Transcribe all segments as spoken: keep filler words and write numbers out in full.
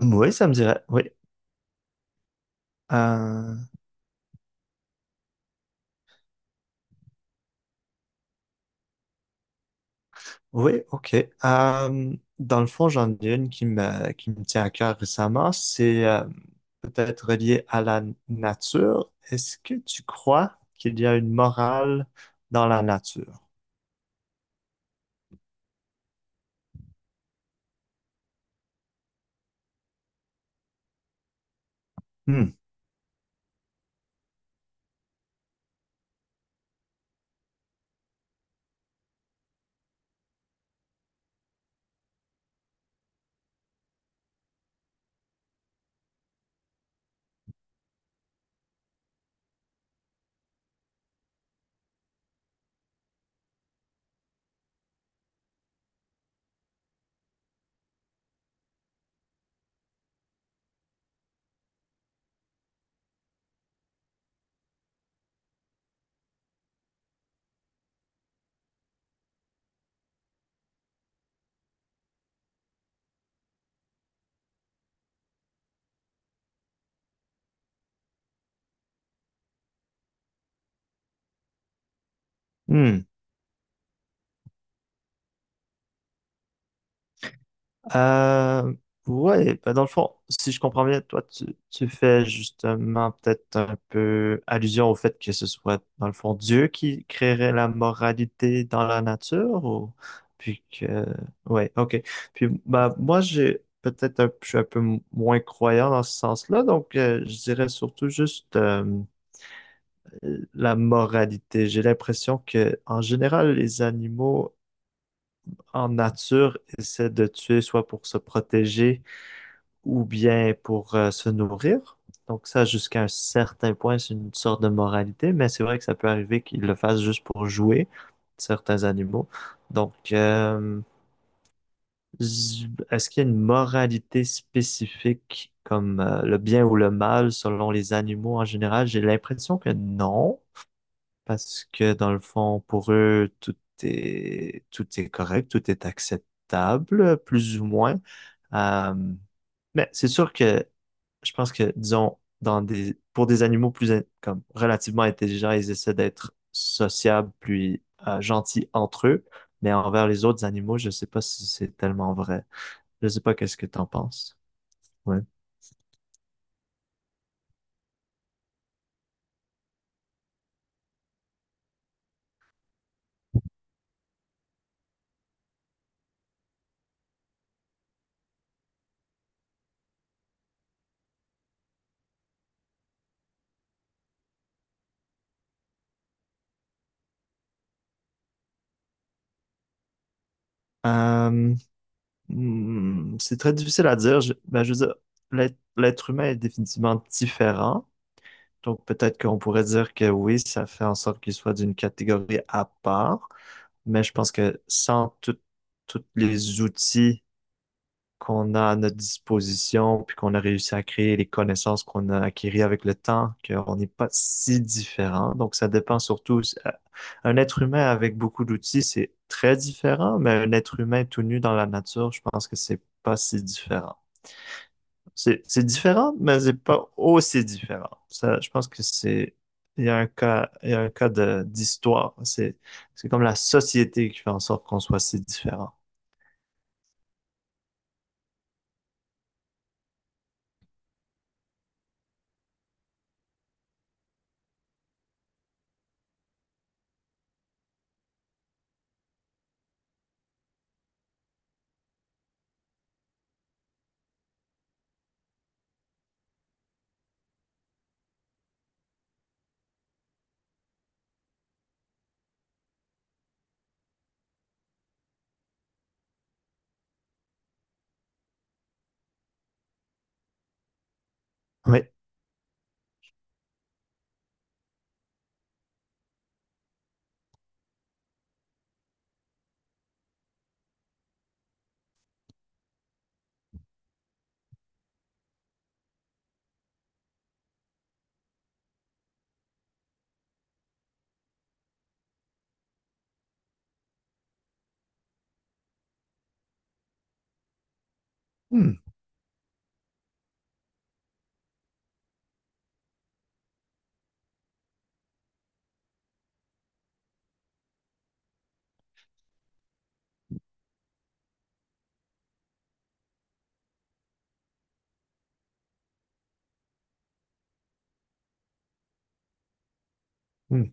Oui, ça me dirait. Oui. Euh, oui, OK. Euh, dans le fond, j'en ai une qui me, qui me tient à cœur récemment. C'est euh, peut-être relié à la nature. Est-ce que tu crois qu'il y a une morale dans la nature? Hmm. Hmm. Euh, ouais, bah, dans le fond, si je comprends bien, toi, tu, tu fais justement peut-être un peu allusion au fait que ce soit, dans le fond, Dieu qui créerait la moralité dans la nature, ou... puis que, ouais, ok. Puis, bah, moi, j'ai peut-être un, je suis un peu m- moins croyant dans ce sens-là, donc euh, je dirais surtout juste euh, la moralité. J'ai l'impression que, en général, les animaux en nature essaient de tuer soit pour se protéger ou bien pour euh, se nourrir. Donc ça, jusqu'à un certain point, c'est une sorte de moralité, mais c'est vrai que ça peut arriver qu'ils le fassent juste pour jouer certains animaux. Donc, euh, z- est-ce qu'il y a une moralité spécifique comme euh, le bien ou le mal selon les animaux en général? J'ai l'impression que non, parce que dans le fond, pour eux, tout est, tout est correct, tout est acceptable, plus ou moins. Euh, mais c'est sûr que je pense que, disons, dans des, pour des animaux plus in- comme relativement intelligents, ils essaient d'être sociables puis euh, gentils entre eux. Mais envers les autres animaux, je sais pas si c'est tellement vrai. Je sais pas qu'est-ce que t'en penses. Ouais. Euh, Hmm, c'est très difficile à dire. Je, ben, je veux dire, l'être l'être humain est définitivement différent. Donc, peut-être qu'on pourrait dire que oui, ça fait en sorte qu'il soit d'une catégorie à part. Mais je pense que sans tout- tous les outils qu'on a à notre disposition, puis qu'on a réussi à créer les connaissances qu'on a acquises avec le temps, qu'on n'est pas si différent. Donc, ça dépend surtout. Un être humain avec beaucoup d'outils, c'est très différent, mais un être humain tout nu dans la nature, je pense que c'est pas si différent. C'est c'est différent, mais c'est pas aussi différent. Ça, je pense que c'est il y a un cas, il y a un cas de d'histoire. C'est c'est comme la société qui fait en sorte qu'on soit si différent. Ouais. Hmm, hmm.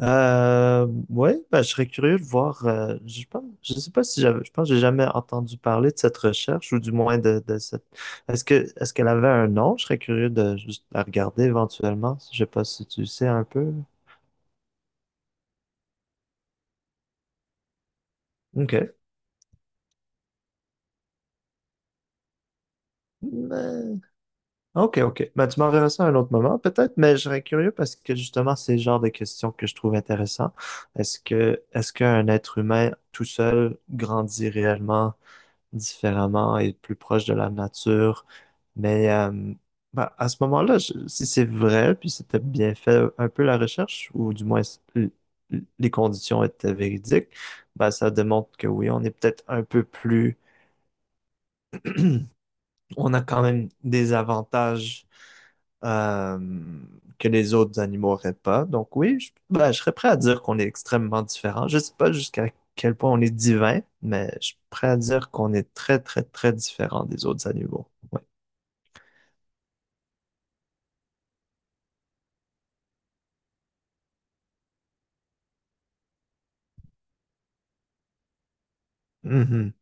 Euh, ouais, ben, je serais curieux de voir. euh, je pense, je sais pas si j'avais, je pense que j'ai jamais entendu parler de cette recherche ou du moins de, de cette. Est-ce que, est-ce qu'elle avait un nom? Je serais curieux de juste la regarder éventuellement. Je sais pas si tu sais un peu. Ok. Hmm, ben, OK, OK. Ben, tu m'enverras ça à un autre moment, peut-être, mais je serais curieux parce que justement, c'est le genre de questions que je trouve intéressant. Est-ce que est-ce qu'un être humain tout seul grandit réellement différemment et plus proche de la nature? Mais euh, ben, à ce moment-là, je- si c'est vrai, puis c'était bien fait un peu la recherche, ou du moins l- les conditions étaient véridiques, ben, ça démontre que oui, on est peut-être un peu plus on a quand même des avantages euh, que les autres animaux n'auraient pas. Donc oui, je, ben, je serais prêt à dire qu'on est extrêmement différents. Je sais pas jusqu'à quel point on est divin, mais je suis prêt à dire qu'on est très, très, très différent des autres animaux. Ouais. Mhm,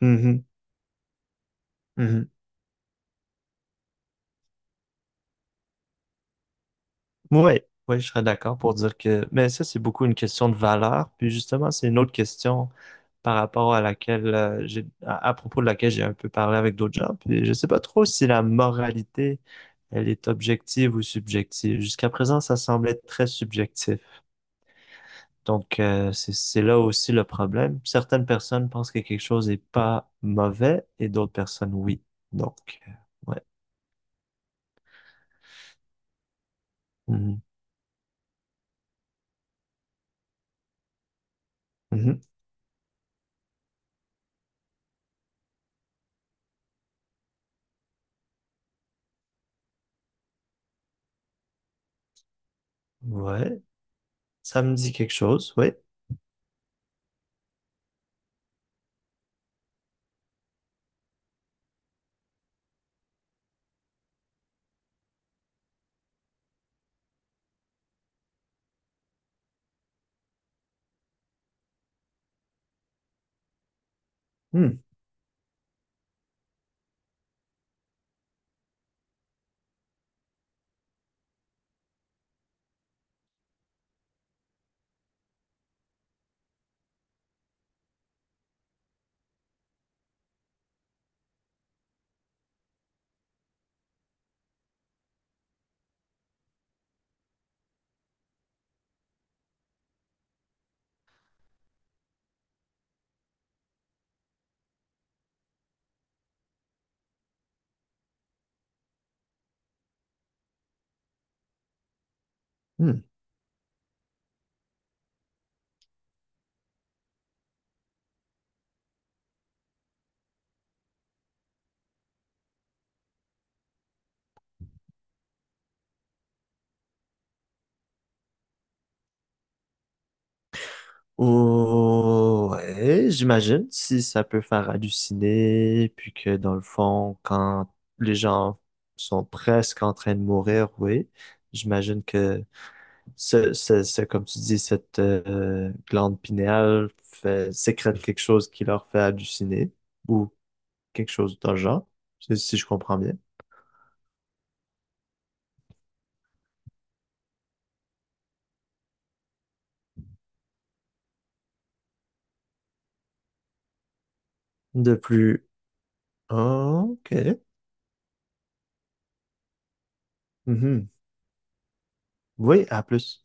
mhm, mhm. Ouais, ouais, je serais d'accord pour dire que... Mais ça, c'est beaucoup une question de valeur. Puis justement, c'est une autre question. Par rapport à laquelle euh, j'ai à, à propos de laquelle j'ai un peu parlé avec d'autres gens. Puis je sais pas trop si la moralité, elle est objective ou subjective. Jusqu'à présent, ça semblait très subjectif. Donc euh, c'est c'est là aussi le problème. Certaines personnes pensent que quelque chose n'est pas mauvais et d'autres personnes oui. Donc euh, ouais. Mhm. Mhm. Ouais, ça me dit quelque chose, oui. Hmm. Ouais, j'imagine si ça peut faire halluciner, puis que dans le fond, quand les gens sont presque en train de mourir, oui, j'imagine que ce, ce, ce- comme tu dis, cette euh, glande pinéale fait, sécrète quelque chose qui leur fait halluciner, ou quelque chose dans le genre, si si je comprends bien. De plus, ok. Mhm. Oui, à plus.